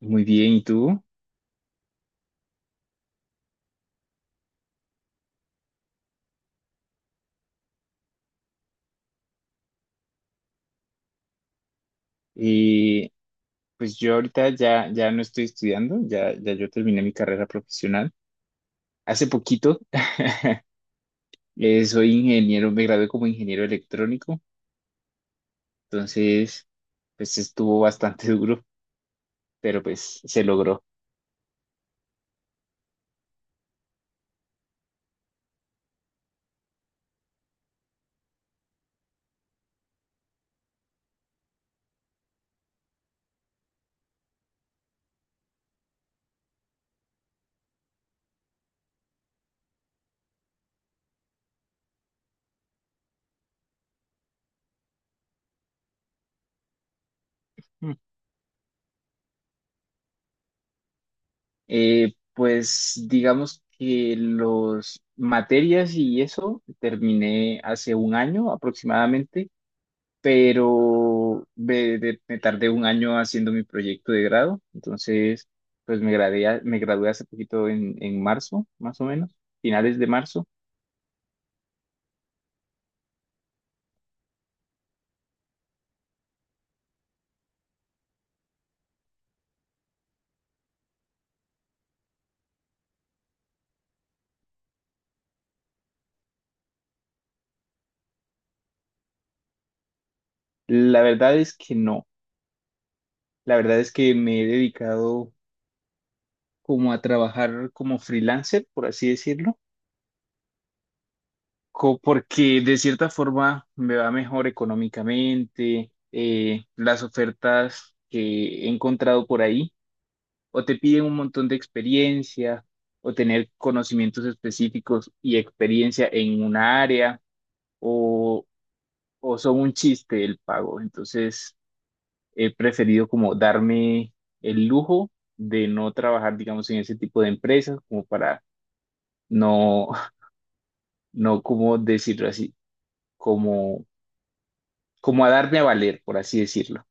Muy bien, ¿y tú? Eh, pues yo ahorita ya no estoy estudiando, ya yo terminé mi carrera profesional hace poquito. Soy ingeniero, me gradué como ingeniero electrónico. Entonces pues estuvo bastante duro, pero pues se logró. Mm. Pues digamos que los materias y eso terminé hace un año aproximadamente, pero me tardé un año haciendo mi proyecto de grado. Entonces pues me gradué hace poquito en marzo, más o menos, finales de marzo. La verdad es que no, la verdad es que me he dedicado como a trabajar como freelancer, por así decirlo, porque de cierta forma me va mejor económicamente. Las ofertas que he encontrado por ahí o te piden un montón de experiencia o tener conocimientos específicos y experiencia en una área, o, o son un chiste el pago. Entonces he preferido como darme el lujo de no trabajar, digamos, en ese tipo de empresas, como para no, no como decirlo así, como, como a darme a valer, por así decirlo.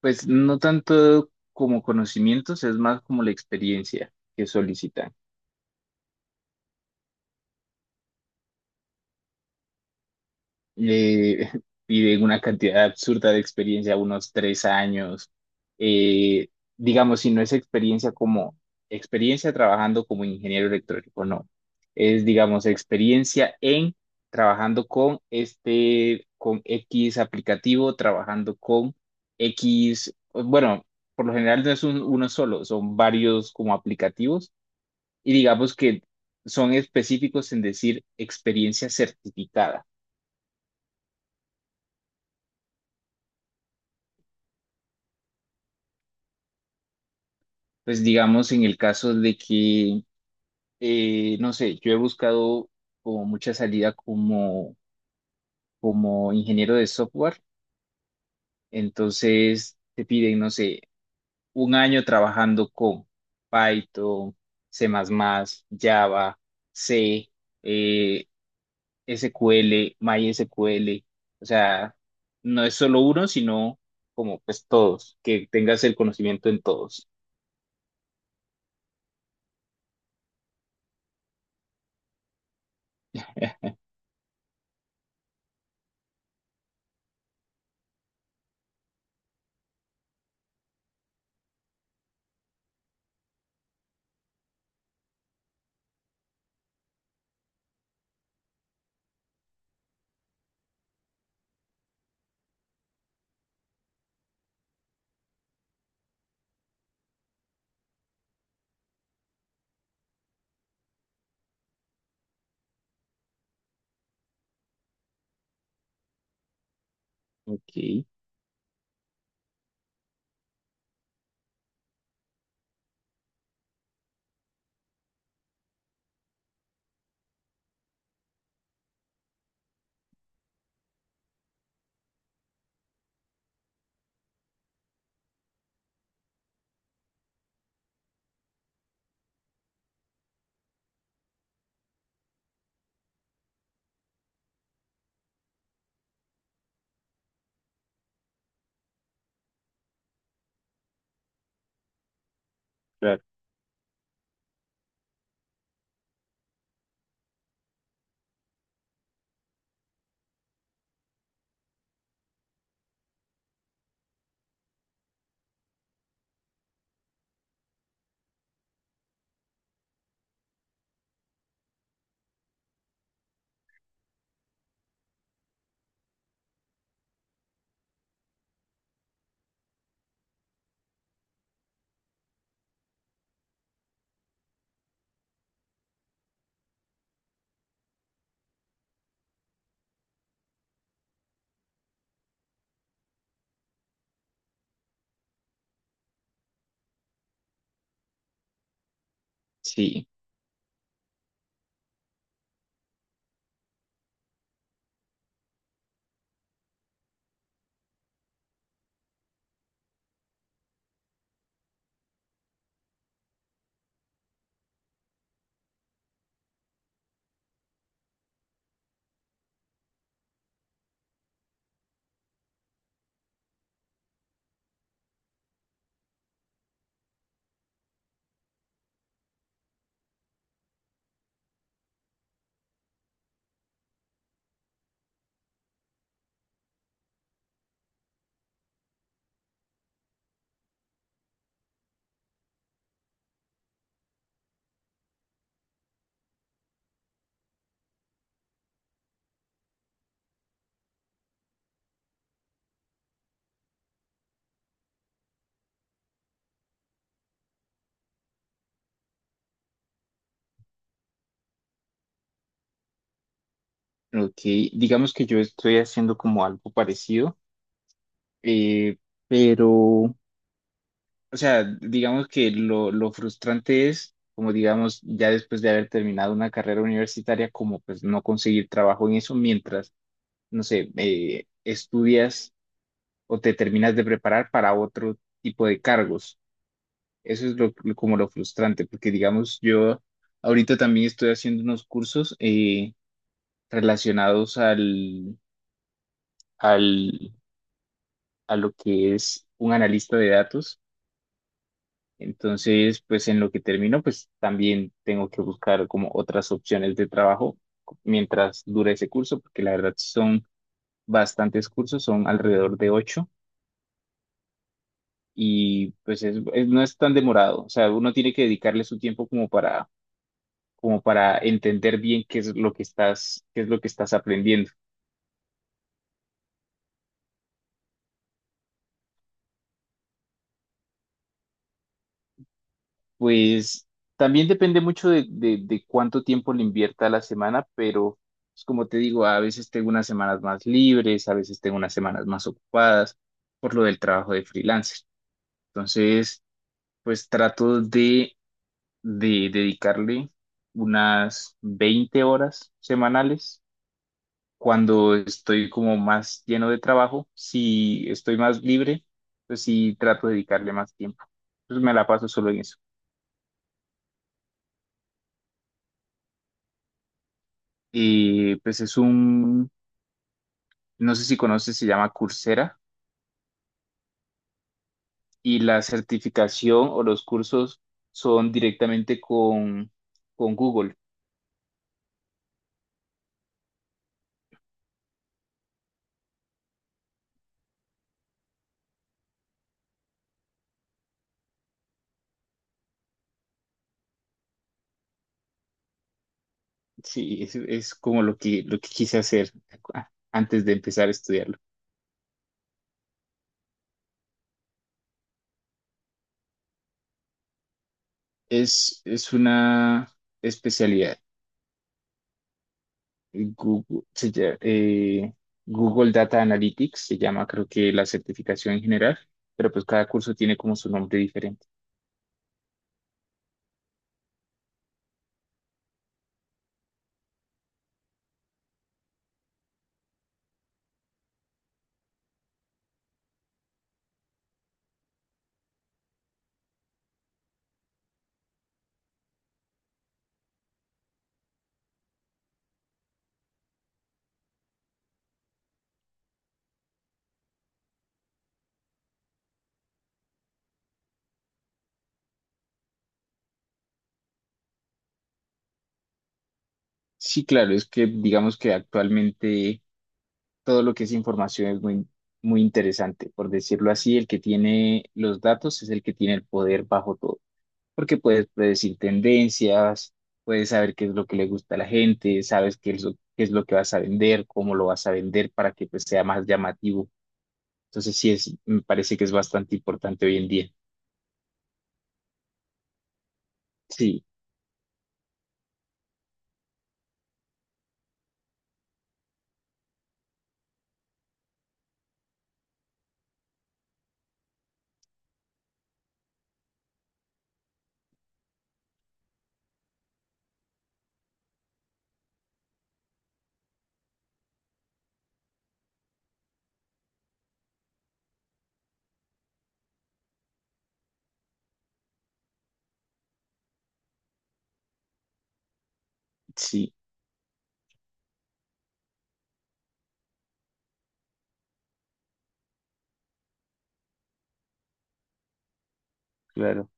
Pues no tanto como conocimientos, es más como la experiencia que solicitan. eh, Piden una cantidad absurda de experiencia, unos 3 años. Eh, digamos, si no es experiencia como experiencia trabajando como ingeniero electrónico, no. Es, digamos, experiencia en trabajando con este, con X aplicativo, trabajando con X, bueno, por lo general no es uno solo, son varios como aplicativos, y digamos que son específicos en decir experiencia certificada. Pues digamos en el caso de que, no sé, yo he buscado como mucha salida como ingeniero de software, entonces te piden, no sé, un año trabajando con Python, C++, Java, C, eh, SQL, MySQL. O sea, no es solo uno, sino como pues todos, que tengas el conocimiento en todos. Ok, claro, sí. Ok, digamos que yo estoy haciendo como algo parecido, eh, pero, o sea, digamos que lo frustrante es, como digamos, ya después de haber terminado una carrera universitaria, como pues no conseguir trabajo en eso mientras, no sé, estudias o te terminas de preparar para otro tipo de cargos. Eso es como lo frustrante, porque digamos, yo ahorita también estoy haciendo unos cursos relacionados al... al a lo que es un analista de datos. Entonces, pues en lo que termino, pues también tengo que buscar como otras opciones de trabajo mientras dura ese curso, porque la verdad son bastantes cursos, son alrededor de ocho, y pues es, no es tan demorado. O sea, uno tiene que dedicarle su tiempo como para entender bien qué es lo que estás aprendiendo. Pues también depende mucho de cuánto tiempo le invierta a la semana, pero pues, como te digo, a veces tengo unas semanas más libres, a veces tengo unas semanas más ocupadas por lo del trabajo de freelancer. Entonces, pues trato de dedicarle unas 20 horas semanales. Cuando estoy como más lleno de trabajo, si estoy más libre, pues sí trato de dedicarle más tiempo. Entonces me la paso solo en eso. Y pues es un no sé si conoces, se llama Coursera. Y la certificación o los cursos son directamente con Google. Sí, es como lo que quise hacer antes de empezar a estudiarlo. Es una especialidad. Google, Google Data Analytics se llama, creo que la certificación en general, pero pues cada curso tiene como su nombre diferente. Sí, claro, es que digamos que actualmente todo lo que es información es muy, muy interesante. Por decirlo así, el que tiene los datos es el que tiene el poder bajo todo, porque puedes predecir tendencias, puedes saber qué es lo que le gusta a la gente, sabes qué es lo que vas a vender, cómo lo vas a vender para que pues, sea más llamativo. Entonces sí, me parece que es bastante importante hoy en día. Sí, sí, claro.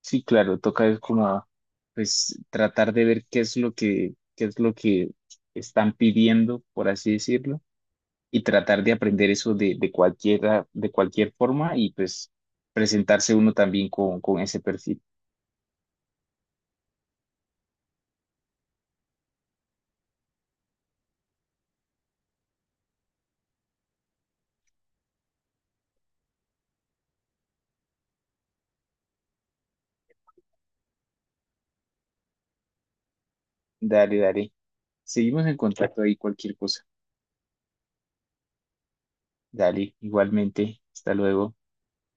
Sí, claro, toca es como pues tratar de ver qué es lo que están pidiendo, por así decirlo, y tratar de aprender eso de cualquier forma, y pues presentarse uno también con, ese perfil. Dale, dale. Seguimos en contacto ahí, cualquier cosa. Dale, igualmente. Hasta luego.